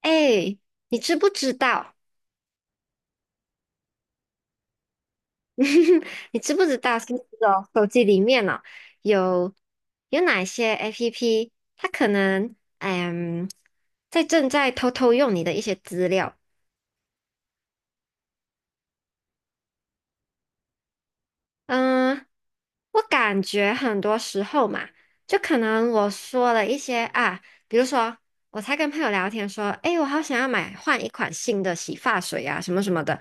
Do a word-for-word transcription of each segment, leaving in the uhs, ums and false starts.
哎，你知不知道？你知不知道是那的手机里面呢、有有哪些 APP，它可能嗯在正在偷偷用你的一些资料？嗯，我感觉很多时候嘛，就可能我说了一些啊，比如说我才跟朋友聊天说，诶，我好想要买换一款新的洗发水啊，什么什么的，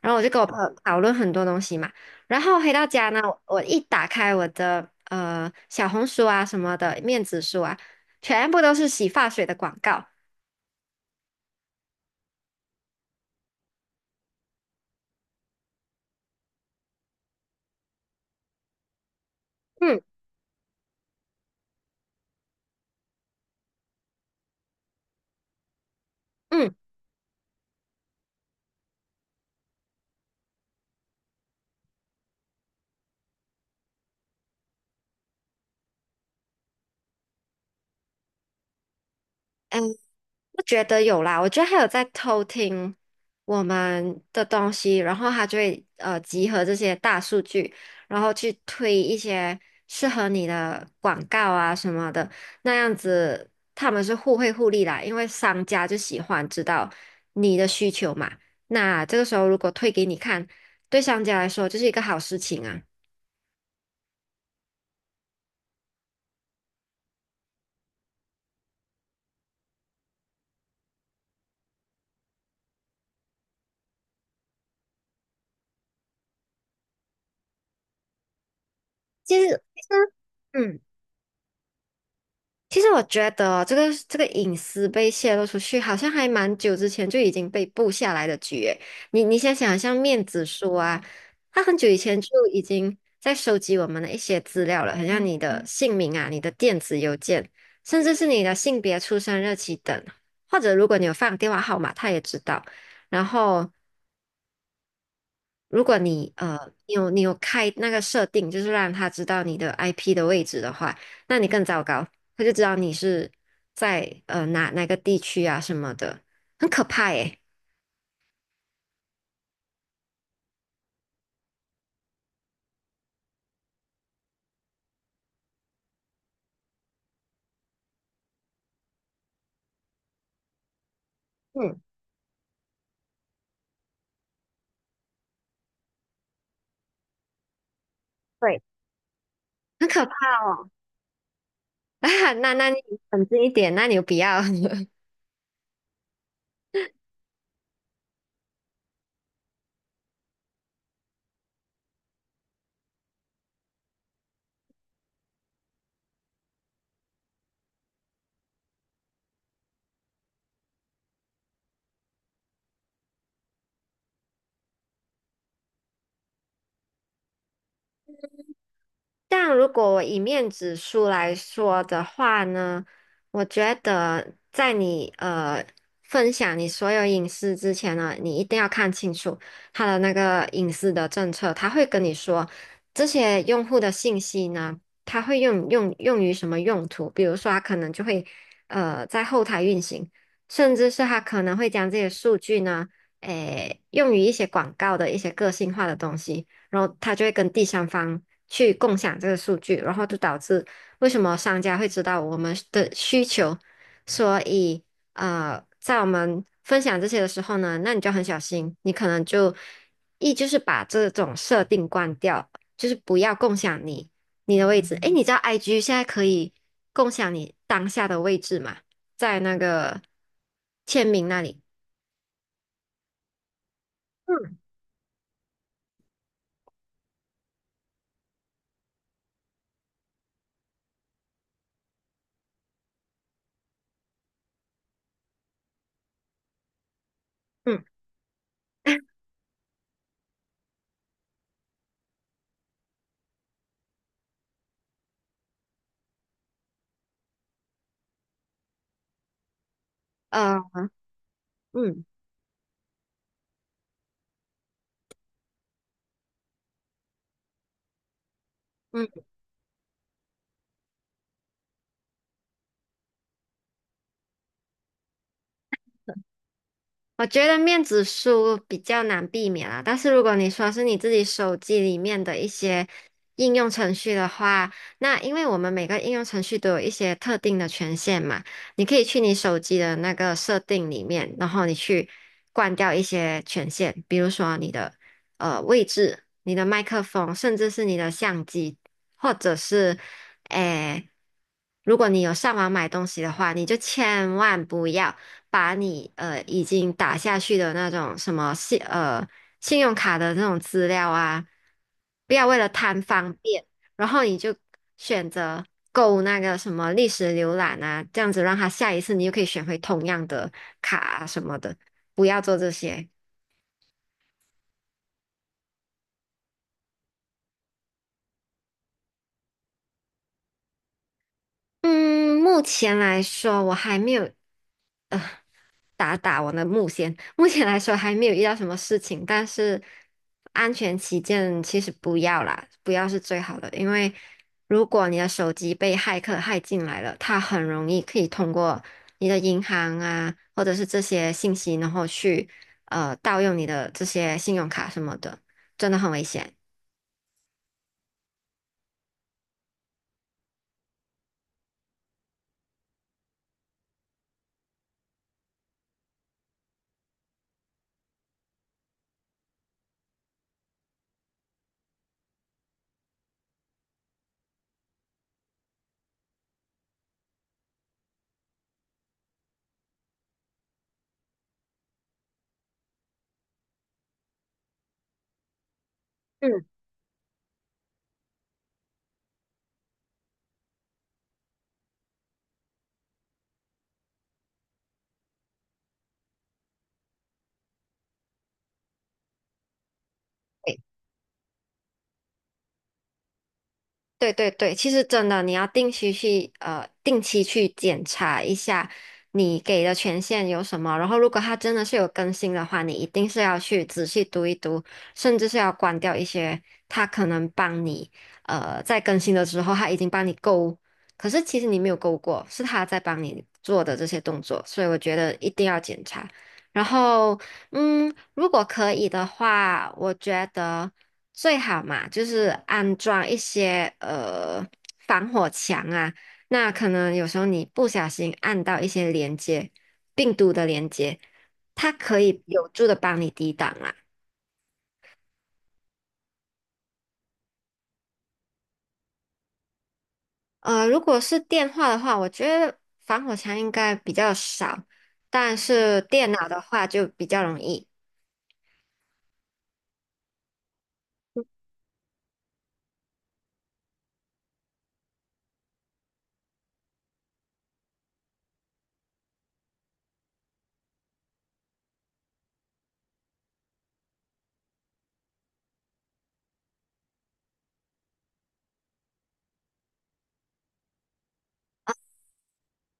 然后我就跟我朋友讨论很多东西嘛，然后回到家呢，我一打开我的呃小红书啊什么的，面子书啊，全部都是洗发水的广告。嗯嗯。哎，我觉得有啦，我觉得他有在偷听我们的东西，然后他就会呃集合这些大数据，然后去推一些适合你的广告啊什么的，那样子他们是互惠互利啦，因为商家就喜欢知道你的需求嘛，那这个时候如果推给你看，对商家来说就是一个好事情啊。其实嗯。其实我觉得这个这个隐私被泄露出去，好像还蛮久之前就已经被布下来的局诶。你你想想，像面子书啊，他很久以前就已经在收集我们的一些资料了，很像你的姓名啊、你的电子邮件，甚至是你的性别、出生日期等，或者如果你有放电话号码，他也知道。然后如果你呃，你有你有开那个设定，就是让他知道你的 I P 的位置的话，那你更糟糕，他就知道你是在呃哪哪个地区啊什么的，很可怕耶。嗯，对，很可怕哦。啊，那那你冷静一点，那你不要。但如果我以面子书来说的话呢，我觉得在你呃分享你所有隐私之前呢，你一定要看清楚他的那个隐私的政策，他会跟你说这些用户的信息呢，他会用用用于什么用途，比如说他可能就会呃在后台运行，甚至是他可能会将这些数据呢，诶用于一些广告的一些个性化的东西。然后他就会跟第三方去共享这个数据，然后就导致为什么商家会知道我们的需求，所以呃，在我们分享这些的时候呢，那你就很小心，你可能就一就是把这种设定关掉，就是不要共享你你的位置。诶，你知道 I G 现在可以共享你当下的位置吗？在那个签名那里。嗯嗯呃嗯嗯。我觉得面子书比较难避免啦，但是如果你说是你自己手机里面的一些应用程序的话，那因为我们每个应用程序都有一些特定的权限嘛，你可以去你手机的那个设定里面，然后你去关掉一些权限，比如说你的呃位置、你的麦克风，甚至是你的相机，或者是诶，如果你有上网买东西的话，你就千万不要。把你呃已经打下去的那种什么信呃信用卡的那种资料啊，不要为了贪方便，然后你就选择购那个什么历史浏览啊，这样子让他下一次你就可以选回同样的卡啊什么的，不要做这些。嗯，目前来说我还没有。呃。打打我的目前，目前来说还没有遇到什么事情，但是安全起见，其实不要啦，不要是最好的，因为如果你的手机被骇客骇进来了，它很容易可以通过你的银行啊，或者是这些信息，然后去呃盗用你的这些信用卡什么的，真的很危险。嗯。对对对，其实真的，你要定期去呃定期去检查一下你给的权限有什么，然后如果它真的是有更新的话，你一定是要去仔细读一读，甚至是要关掉一些它可能帮你呃在更新的时候它已经帮你勾，可是其实你没有勾过，是它在帮你做的这些动作，所以我觉得一定要检查。然后，嗯，如果可以的话，我觉得。最好嘛，就是安装一些呃防火墙啊。那可能有时候你不小心按到一些连接，病毒的连接，它可以有助的帮你抵挡啊。呃，如果是电话的话，我觉得防火墙应该比较少，但是电脑的话就比较容易。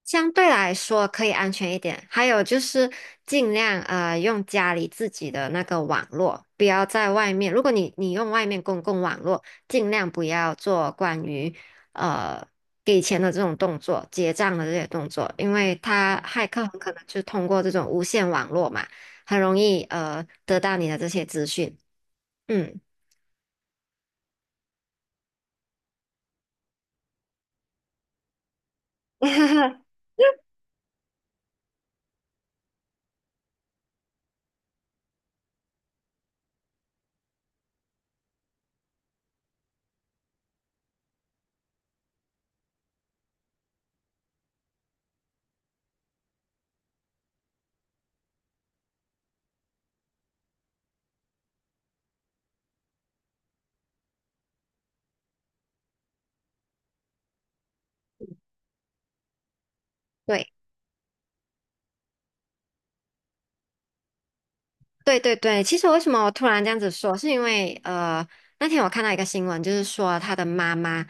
相对来说可以安全一点，还有就是尽量呃用家里自己的那个网络，不要在外面。如果你你用外面公共网络，尽量不要做关于呃给钱的这种动作、结账的这些动作，因为他骇客很可能就通过这种无线网络嘛，很容易呃得到你的这些资讯。嗯，对。对对对，其实为什么我突然这样子说，是因为呃，那天我看到一个新闻，就是说他的妈妈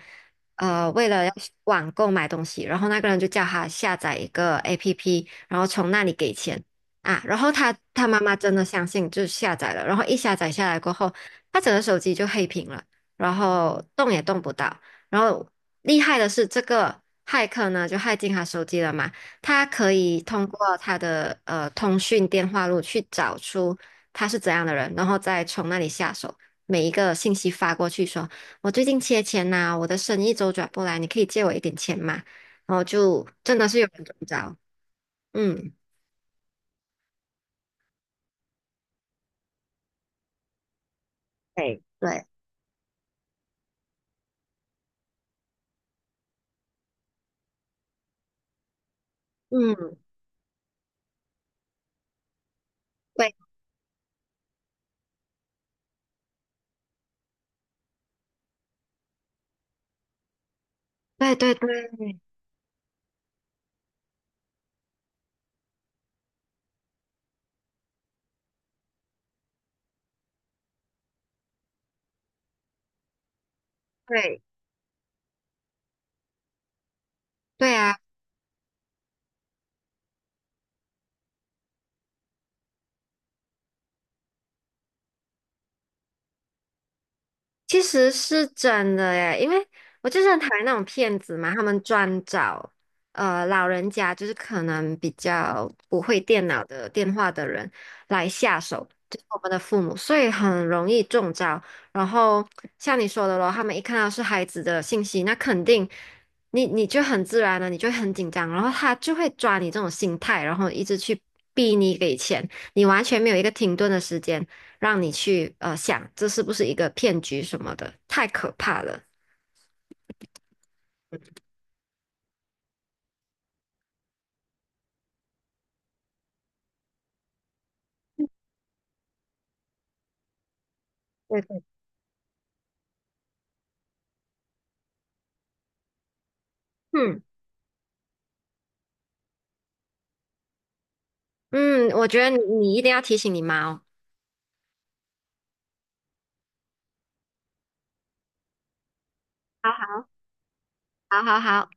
呃，为了要网购买东西，然后那个人就叫他下载一个 APP，然后从那里给钱啊，然后他他妈妈真的相信，就下载了，然后一下载下来过后，他整个手机就黑屏了，然后动也动不到，然后厉害的是这个骇客呢，就骇进他手机了嘛。他可以通过他的呃通讯电话录去找出他是怎样的人，然后再从那里下手。每一个信息发过去说，我最近缺钱呐、我的生意周转不来，你可以借我一点钱嘛？然后就真的是有人中招。嗯，对，对，嗯，对，对对对对对啊。其实是真的耶，因为我就是很讨厌那种骗子嘛，他们专找呃老人家，就是可能比较不会电脑的电话的人来下手，就是我们的父母，所以很容易中招。然后像你说的咯，他们一看到是孩子的信息，那肯定你你就很自然了，你就会很紧张，然后他就会抓你这种心态，然后一直去逼你给钱，你完全没有一个停顿的时间。让你去呃想这是不是一个骗局什么的，太可怕了。对对，嗯嗯，我觉得你你一定要提醒你妈哦。好好好好好。